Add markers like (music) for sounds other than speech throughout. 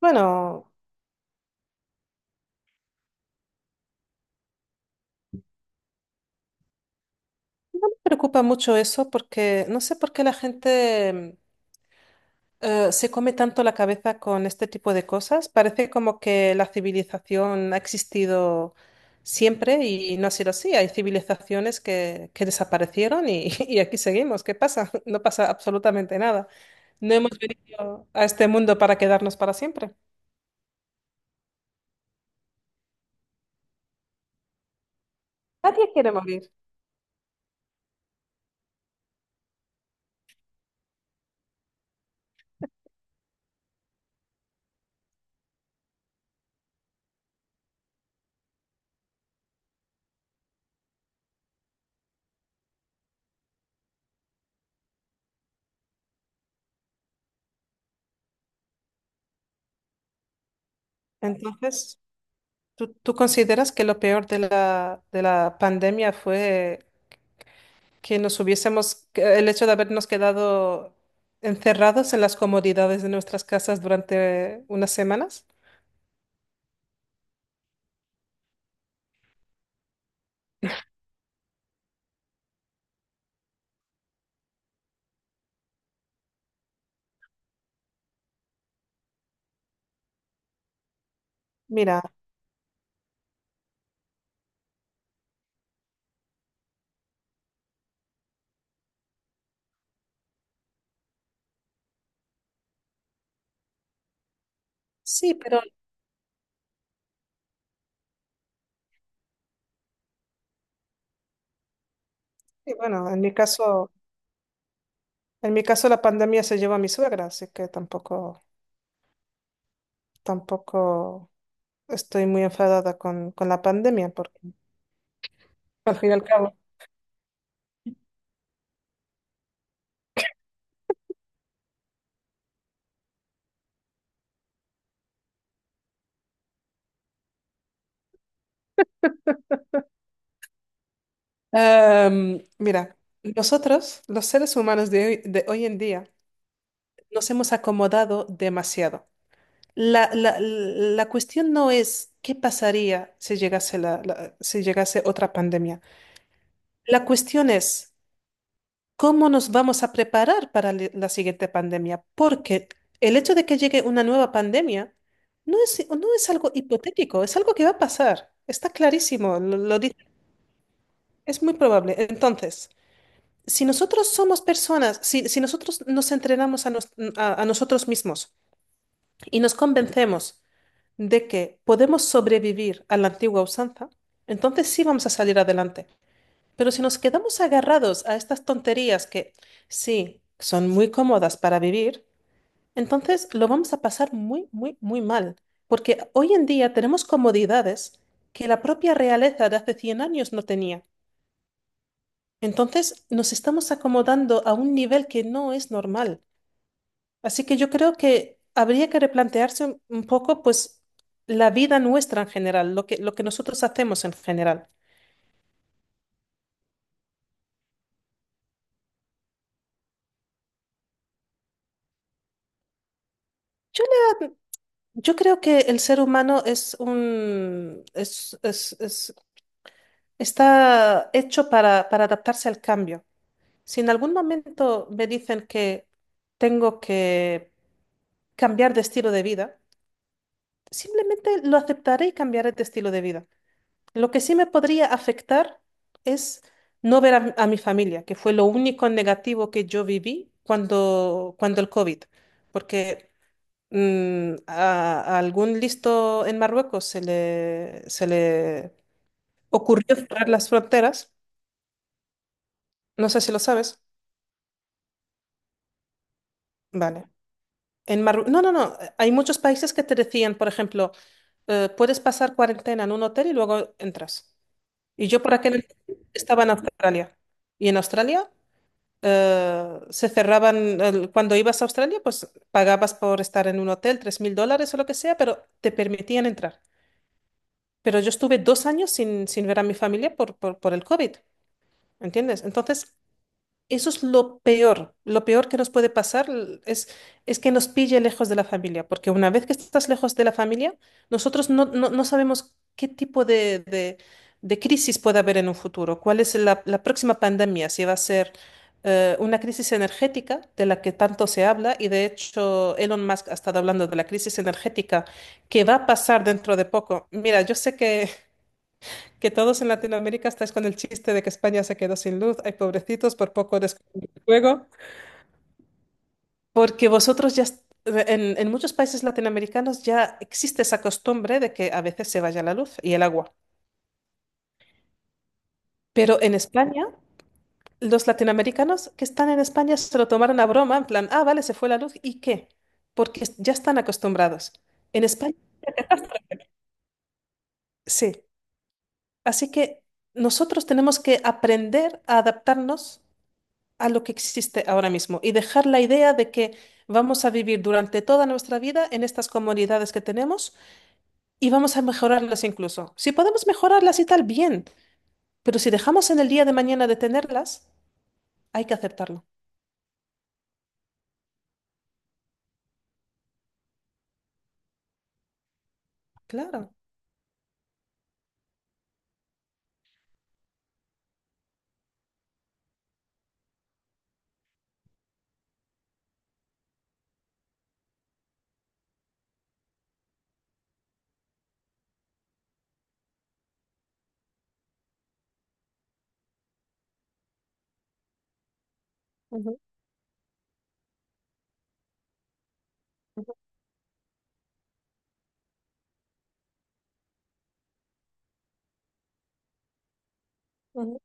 Bueno, no me preocupa mucho eso porque no sé por qué la gente se come tanto la cabeza con este tipo de cosas. Parece como que la civilización ha existido siempre y no ha sido así. Hay civilizaciones que desaparecieron y, (laughs) y aquí seguimos. ¿Qué pasa? (laughs) No pasa absolutamente nada. No hemos venido a este mundo para quedarnos para siempre. Nadie quiere morir. Entonces, ¿tú consideras que lo peor de la pandemia fue que nos hubiésemos, que el hecho de habernos quedado encerrados en las comodidades de nuestras casas durante unas semanas. Mira, sí, pero sí, bueno, en mi caso la pandemia se llevó a mi suegra, así que tampoco, tampoco estoy muy enfadada con la pandemia, porque al fin y al cabo. Mira, nosotros, los seres humanos de hoy en día, nos hemos acomodado demasiado. La cuestión no es qué pasaría si llegase si llegase otra pandemia. La cuestión es cómo nos vamos a preparar para li- la siguiente pandemia, porque el hecho de que llegue una nueva pandemia no es, no es algo hipotético, es algo que va a pasar. Está clarísimo, lo dice, es muy probable. Entonces, si nosotros somos personas, si nosotros nos entrenamos a nos- a nosotros mismos y nos convencemos de que podemos sobrevivir a la antigua usanza, entonces sí vamos a salir adelante. Pero si nos quedamos agarrados a estas tonterías que sí son muy cómodas para vivir, entonces lo vamos a pasar muy, muy, muy mal. Porque hoy en día tenemos comodidades que la propia realeza de hace 100 años no tenía. Entonces nos estamos acomodando a un nivel que no es normal. Así que yo creo que habría que replantearse un poco, pues, la vida nuestra en general, lo que nosotros hacemos en general. Yo, le- yo creo que el ser humano es un, es- está hecho para adaptarse al cambio. Si en algún momento me dicen que tengo que cambiar de estilo de vida, simplemente lo aceptaré y cambiaré de estilo de vida. Lo que sí me podría afectar es no ver a mi familia, que fue lo único negativo que yo viví cuando, cuando el COVID, porque a algún listo en Marruecos se le ocurrió cerrar las fronteras, no sé si lo sabes, vale. En Marru- no, no, no, hay muchos países que te decían, por ejemplo, puedes pasar cuarentena en un hotel y luego entras. Y yo por aquel entonces estaba en Australia. Y en Australia se cerraban, el- cuando ibas a Australia, pues pagabas por estar en un hotel 3000 dólares o lo que sea, pero te permitían entrar. Pero yo estuve 2 años sin, sin ver a mi familia por el COVID, ¿entiendes? Entonces, eso es lo peor que nos puede pasar l- es que nos pille lejos de la familia, porque una vez que estás lejos de la familia, nosotros no sabemos qué tipo de crisis puede haber en un futuro, cuál es la próxima pandemia, si va a ser una crisis energética de la que tanto se habla, y de hecho Elon Musk ha estado hablando de la crisis energética que va a pasar dentro de poco. Mira, yo sé que todos en Latinoamérica estáis con el chiste de que España se quedó sin luz. Ay, pobrecitos, por poco descubren el fuego. Porque vosotros ya, est- en muchos países latinoamericanos ya existe esa costumbre de que a veces se vaya la luz y el agua. Pero en España, los latinoamericanos que están en España se lo tomaron a broma, en plan, ah, vale, se fue la luz, ¿y qué? Porque es- ya están acostumbrados. En España, sí. Así que nosotros tenemos que aprender a adaptarnos a lo que existe ahora mismo y dejar la idea de que vamos a vivir durante toda nuestra vida en estas comunidades que tenemos y vamos a mejorarlas incluso. Si podemos mejorarlas y tal, bien, pero si dejamos en el día de mañana de tenerlas, hay que aceptarlo. Claro. Ujú, ujú, ujú.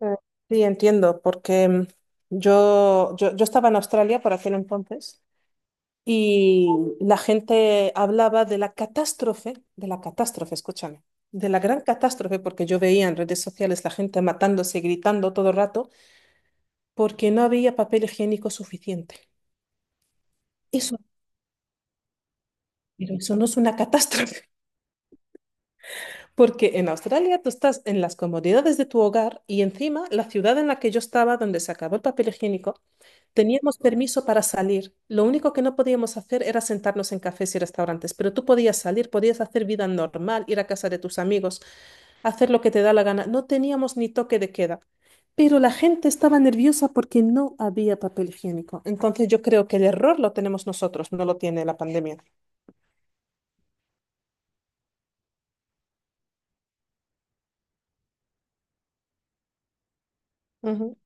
Eh, Sí, entiendo, porque yo estaba en Australia por aquel entonces. Y la gente hablaba de la catástrofe, escúchame, de la gran catástrofe, porque yo veía en redes sociales la gente matándose, gritando todo el rato, porque no había papel higiénico suficiente. Eso, pero eso no es una catástrofe, (laughs) porque en Australia tú estás en las comodidades de tu hogar y encima la ciudad en la que yo estaba, donde se acabó el papel higiénico, teníamos permiso para salir. Lo único que no podíamos hacer era sentarnos en cafés y restaurantes, pero tú podías salir, podías hacer vida normal, ir a casa de tus amigos, hacer lo que te da la gana. No teníamos ni toque de queda. Pero la gente estaba nerviosa porque no había papel higiénico. Entonces yo creo que el error lo tenemos nosotros, no lo tiene la pandemia. Ujú.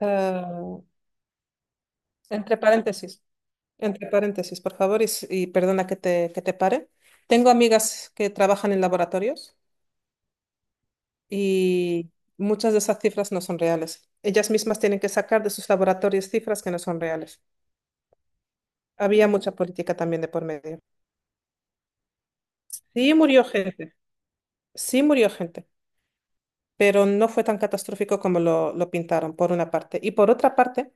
Eh, entre paréntesis, entre paréntesis, por favor, y, s- y perdona que te pare. Tengo amigas que trabajan en laboratorios y muchas de esas cifras no son reales. Ellas mismas tienen que sacar de sus laboratorios cifras que no son reales. Había mucha política también de por medio. Sí murió gente, sí murió gente, pero no fue tan catastrófico como lo pintaron, por una parte. Y por otra parte,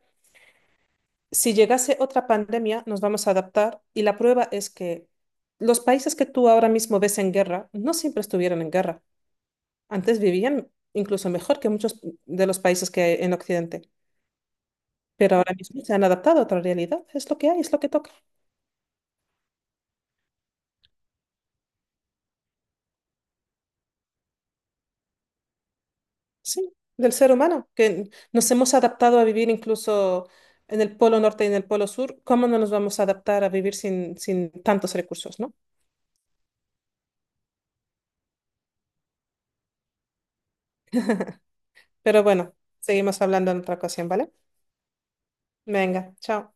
si llegase otra pandemia, nos vamos a adaptar y la prueba es que los países que tú ahora mismo ves en guerra no siempre estuvieron en guerra. Antes vivían incluso mejor que muchos de los países que hay en Occidente. Pero ahora mismo se han adaptado a otra realidad. Es lo que hay, es lo que toca. Sí, del ser humano, que nos hemos adaptado a vivir incluso en el polo norte y en el polo sur. ¿Cómo no nos vamos a adaptar a vivir sin, sin tantos recursos, no? Pero bueno, seguimos hablando en otra ocasión, ¿vale? Venga, chao.